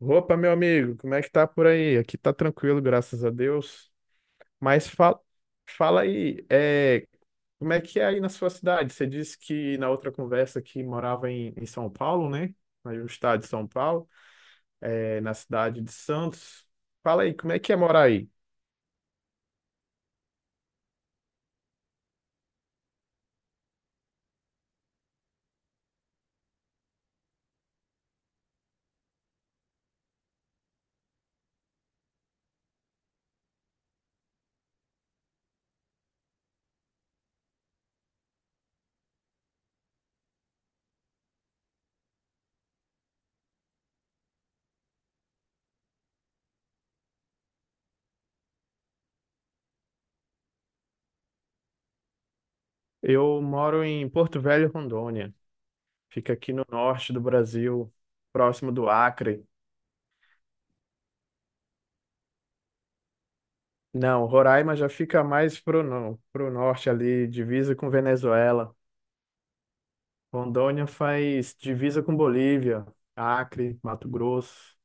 Opa, meu amigo, como é que tá por aí? Aqui tá tranquilo, graças a Deus. Mas fala aí, como é que é aí na sua cidade? Você disse que na outra conversa que morava em São Paulo, né? Aí no estado de São Paulo, na cidade de Santos. Fala aí, como é que é morar aí? Eu moro em Porto Velho, Rondônia. Fica aqui no norte do Brasil, próximo do Acre. Não, Roraima já fica mais pro, no, pro norte ali, divisa com Venezuela. Rondônia faz divisa com Bolívia, Acre, Mato Grosso,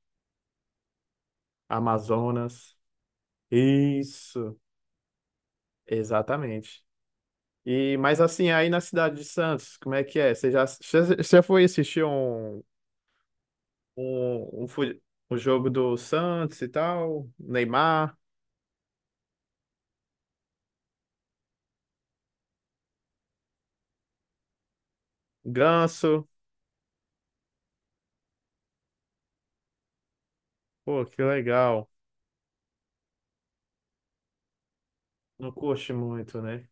Amazonas. Isso, exatamente. E mas assim, aí na cidade de Santos, como é que é? Você já você você foi assistir um, um, fu- um jogo do Santos e tal? Neymar, Ganso. Pô, que legal. Não curte muito, né?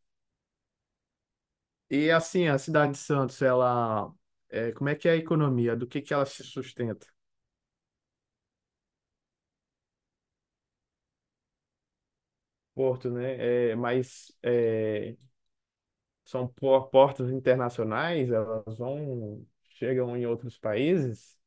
E assim, a cidade de Santos, ela como é que é a economia? Do que ela se sustenta? Porto, né? Mas são portas internacionais, elas vão, chegam em outros países.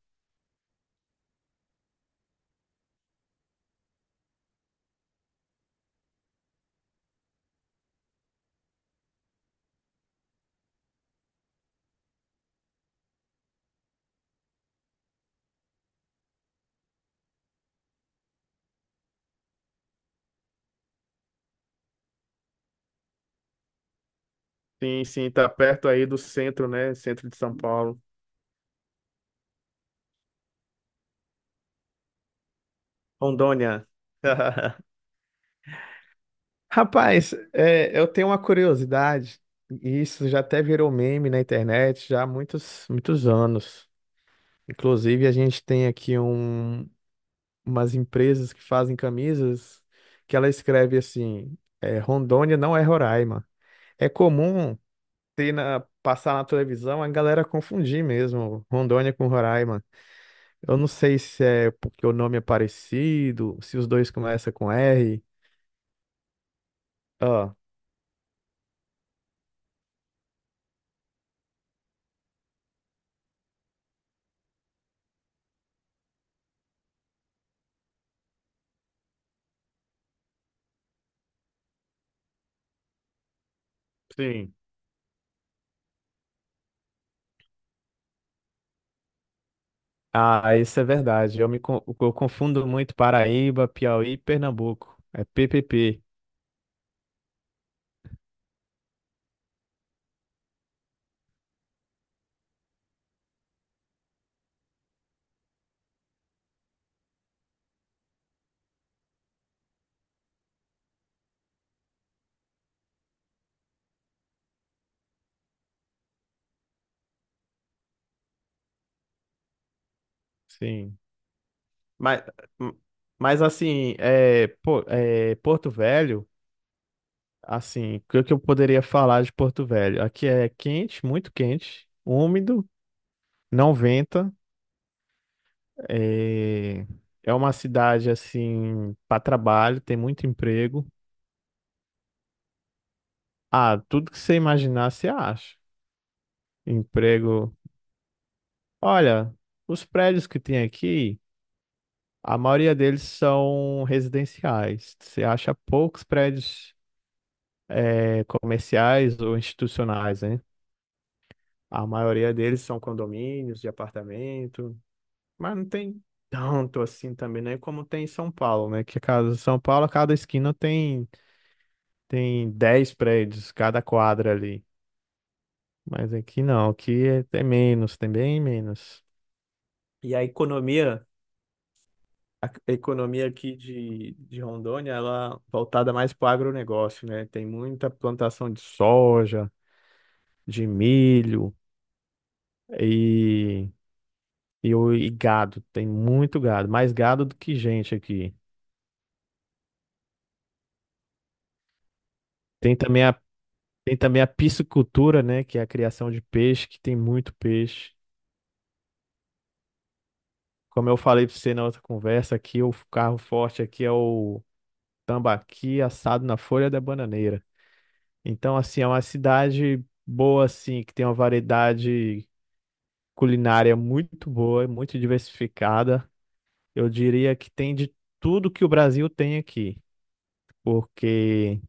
Sim, sim, tá perto aí do centro, né? Centro de São Paulo. Rondônia. Rapaz, eu tenho uma curiosidade, e isso já até virou meme na internet já há muitos, muitos anos. Inclusive, a gente tem aqui umas empresas que fazem camisas que ela escreve assim: Rondônia não é Roraima. É comum passar na televisão, a galera confundir mesmo Rondônia com Roraima. Eu não sei se é porque o nome é parecido, se os dois começam com R. Ó, sim. Ah, isso é verdade. Eu confundo muito Paraíba, Piauí e Pernambuco. É PPP. Sim. Mas, Mas assim, pô, Porto Velho, assim, o que que eu poderia falar de Porto Velho? Aqui é quente, muito quente, úmido, não venta. É, é uma cidade assim para trabalho, tem muito emprego. Ah, tudo que você imaginar você acha. Emprego. Olha, os prédios que tem aqui, a maioria deles são residenciais. Você acha poucos prédios comerciais ou institucionais, né? A maioria deles são condomínios de apartamento, mas não tem tanto assim também, né? Como tem em São Paulo, né? Que cada São Paulo, a cada esquina tem 10 prédios cada quadra ali. Mas aqui não, aqui tem menos, tem bem menos. E a economia, a economia aqui de Rondônia, ela é voltada mais para o agronegócio, né? Tem muita plantação de soja, de milho e, e gado. Tem muito gado, mais gado do que gente aqui. Tem também a, tem também a piscicultura, né? Que é a criação de peixe, que tem muito peixe. Como eu falei pra você na outra conversa, aqui o carro forte aqui é o tambaqui assado na folha da bananeira. Então, assim, é uma cidade boa, assim, que tem uma variedade culinária muito boa, muito diversificada. Eu diria que tem de tudo que o Brasil tem aqui, porque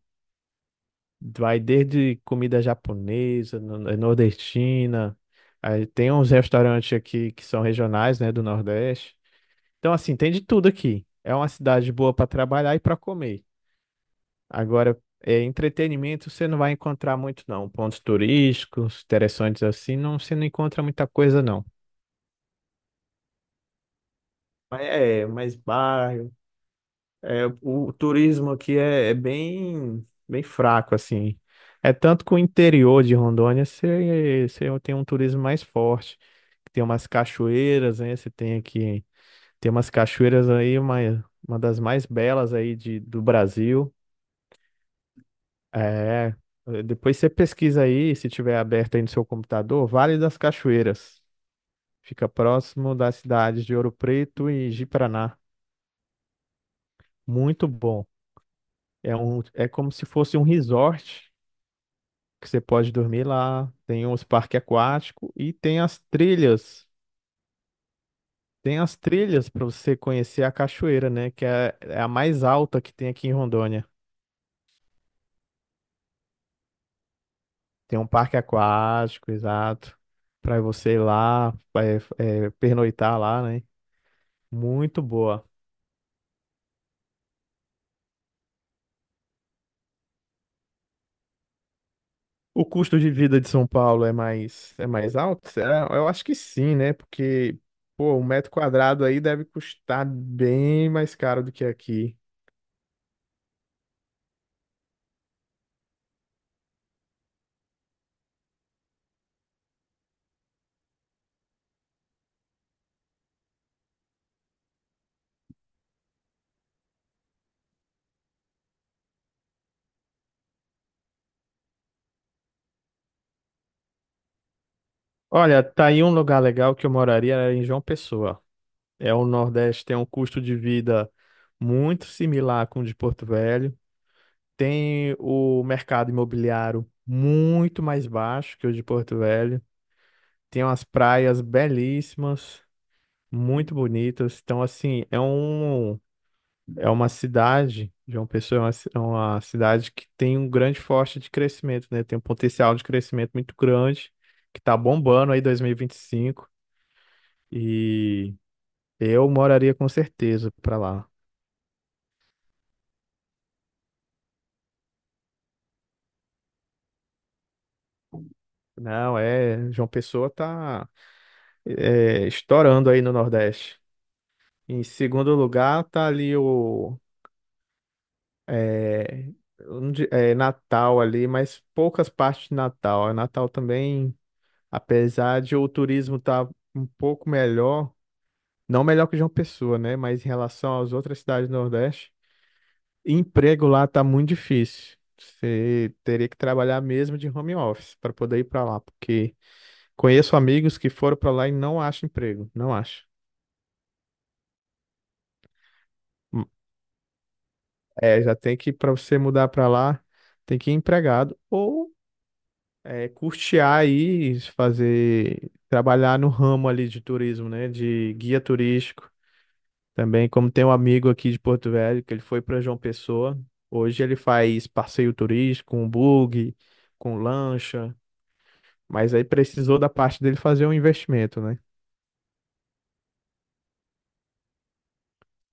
vai desde comida japonesa, nordestina, aí tem uns restaurantes aqui que são regionais, né, do Nordeste. Então, assim, tem de tudo aqui. É uma cidade boa para trabalhar e para comer. Agora, entretenimento você não vai encontrar muito, não. Pontos turísticos, interessantes assim, não, você não encontra muita coisa, não. Mas bairro. O turismo aqui é bem, bem fraco, assim. É tanto que o interior de Rondônia você tem um turismo mais forte. Tem umas cachoeiras, né? Você tem aqui, tem umas cachoeiras aí, uma das mais belas aí do Brasil. É, Depois você pesquisa aí, se tiver aberto aí no seu computador, Vale das Cachoeiras. Fica próximo das cidades de Ouro Preto e Ji-Paraná. Muito bom. É como se fosse um resort que você pode dormir lá. Tem uns parques aquáticos e tem as trilhas. Tem as trilhas para você conhecer a cachoeira, né? Que é a mais alta que tem aqui em Rondônia. Tem um parque aquático, exato. Para você ir lá, pernoitar lá, né? Muito boa. O custo de vida de São Paulo é mais alto? Será? Eu acho que sim, né? Porque, pô, um metro quadrado aí deve custar bem mais caro do que aqui. Olha, tá aí um lugar legal que eu moraria era em João Pessoa. É o Nordeste, tem um custo de vida muito similar com o de Porto Velho. Tem o mercado imobiliário muito mais baixo que o de Porto Velho. Tem umas praias belíssimas, muito bonitas. Então, assim, é uma cidade, João Pessoa é uma cidade que tem um grande forte de crescimento, né? Tem um potencial de crescimento muito grande, que tá bombando aí 2025, e 25. E eu moraria com certeza para lá. Não, João Pessoa tá estourando aí no Nordeste. Em segundo lugar, tá ali o é, onde- é, Natal ali, mas poucas partes de Natal. Natal também, apesar de o turismo tá um pouco melhor, não melhor que João Pessoa, né? Mas em relação às outras cidades do Nordeste, emprego lá tá muito difícil. Você teria que trabalhar mesmo de home office para poder ir para lá, porque conheço amigos que foram para lá e não acham emprego, não acham. Hum, já tem que, para você mudar para lá, tem que ir empregado ou custear aí, fazer, trabalhar no ramo ali de turismo, né? De guia turístico. Também, como tem um amigo aqui de Porto Velho, que ele foi para João Pessoa, hoje ele faz passeio turístico, com bug, com lancha, mas aí precisou da parte dele fazer um investimento, né?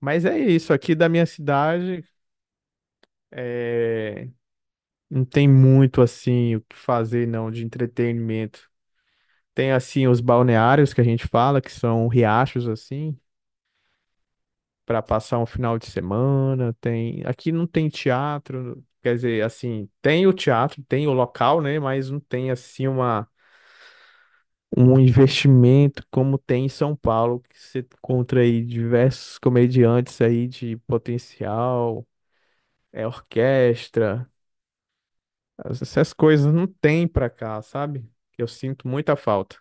Mas é isso, aqui da minha cidade é... não tem muito assim o que fazer não de entretenimento. Tem assim os balneários que a gente fala, que são riachos assim, para passar um final de semana, tem, aqui não tem teatro, quer dizer, assim, tem o teatro, tem o local, né, mas não tem assim uma um investimento como tem em São Paulo, que você encontra aí diversos comediantes aí de potencial, orquestra, essas coisas não tem pra cá, sabe? Eu sinto muita falta.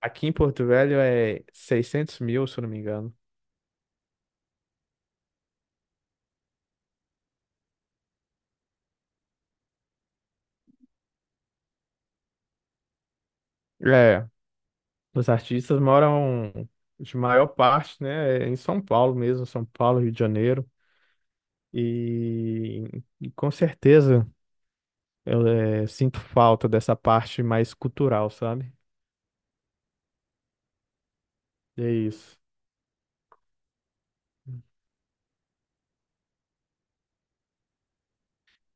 Aqui em Porto Velho é 600.000, se eu não me engano. É, os artistas moram, de maior parte, né, é em São Paulo mesmo, São Paulo, Rio de Janeiro. E, e com certeza eu sinto falta dessa parte mais cultural, sabe? É isso.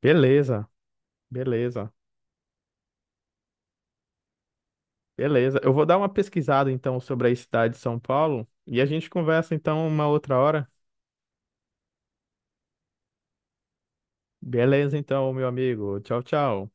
Beleza, beleza, beleza. Eu vou dar uma pesquisada então sobre a cidade de São Paulo e a gente conversa então uma outra hora. Beleza, então, meu amigo. Tchau, tchau.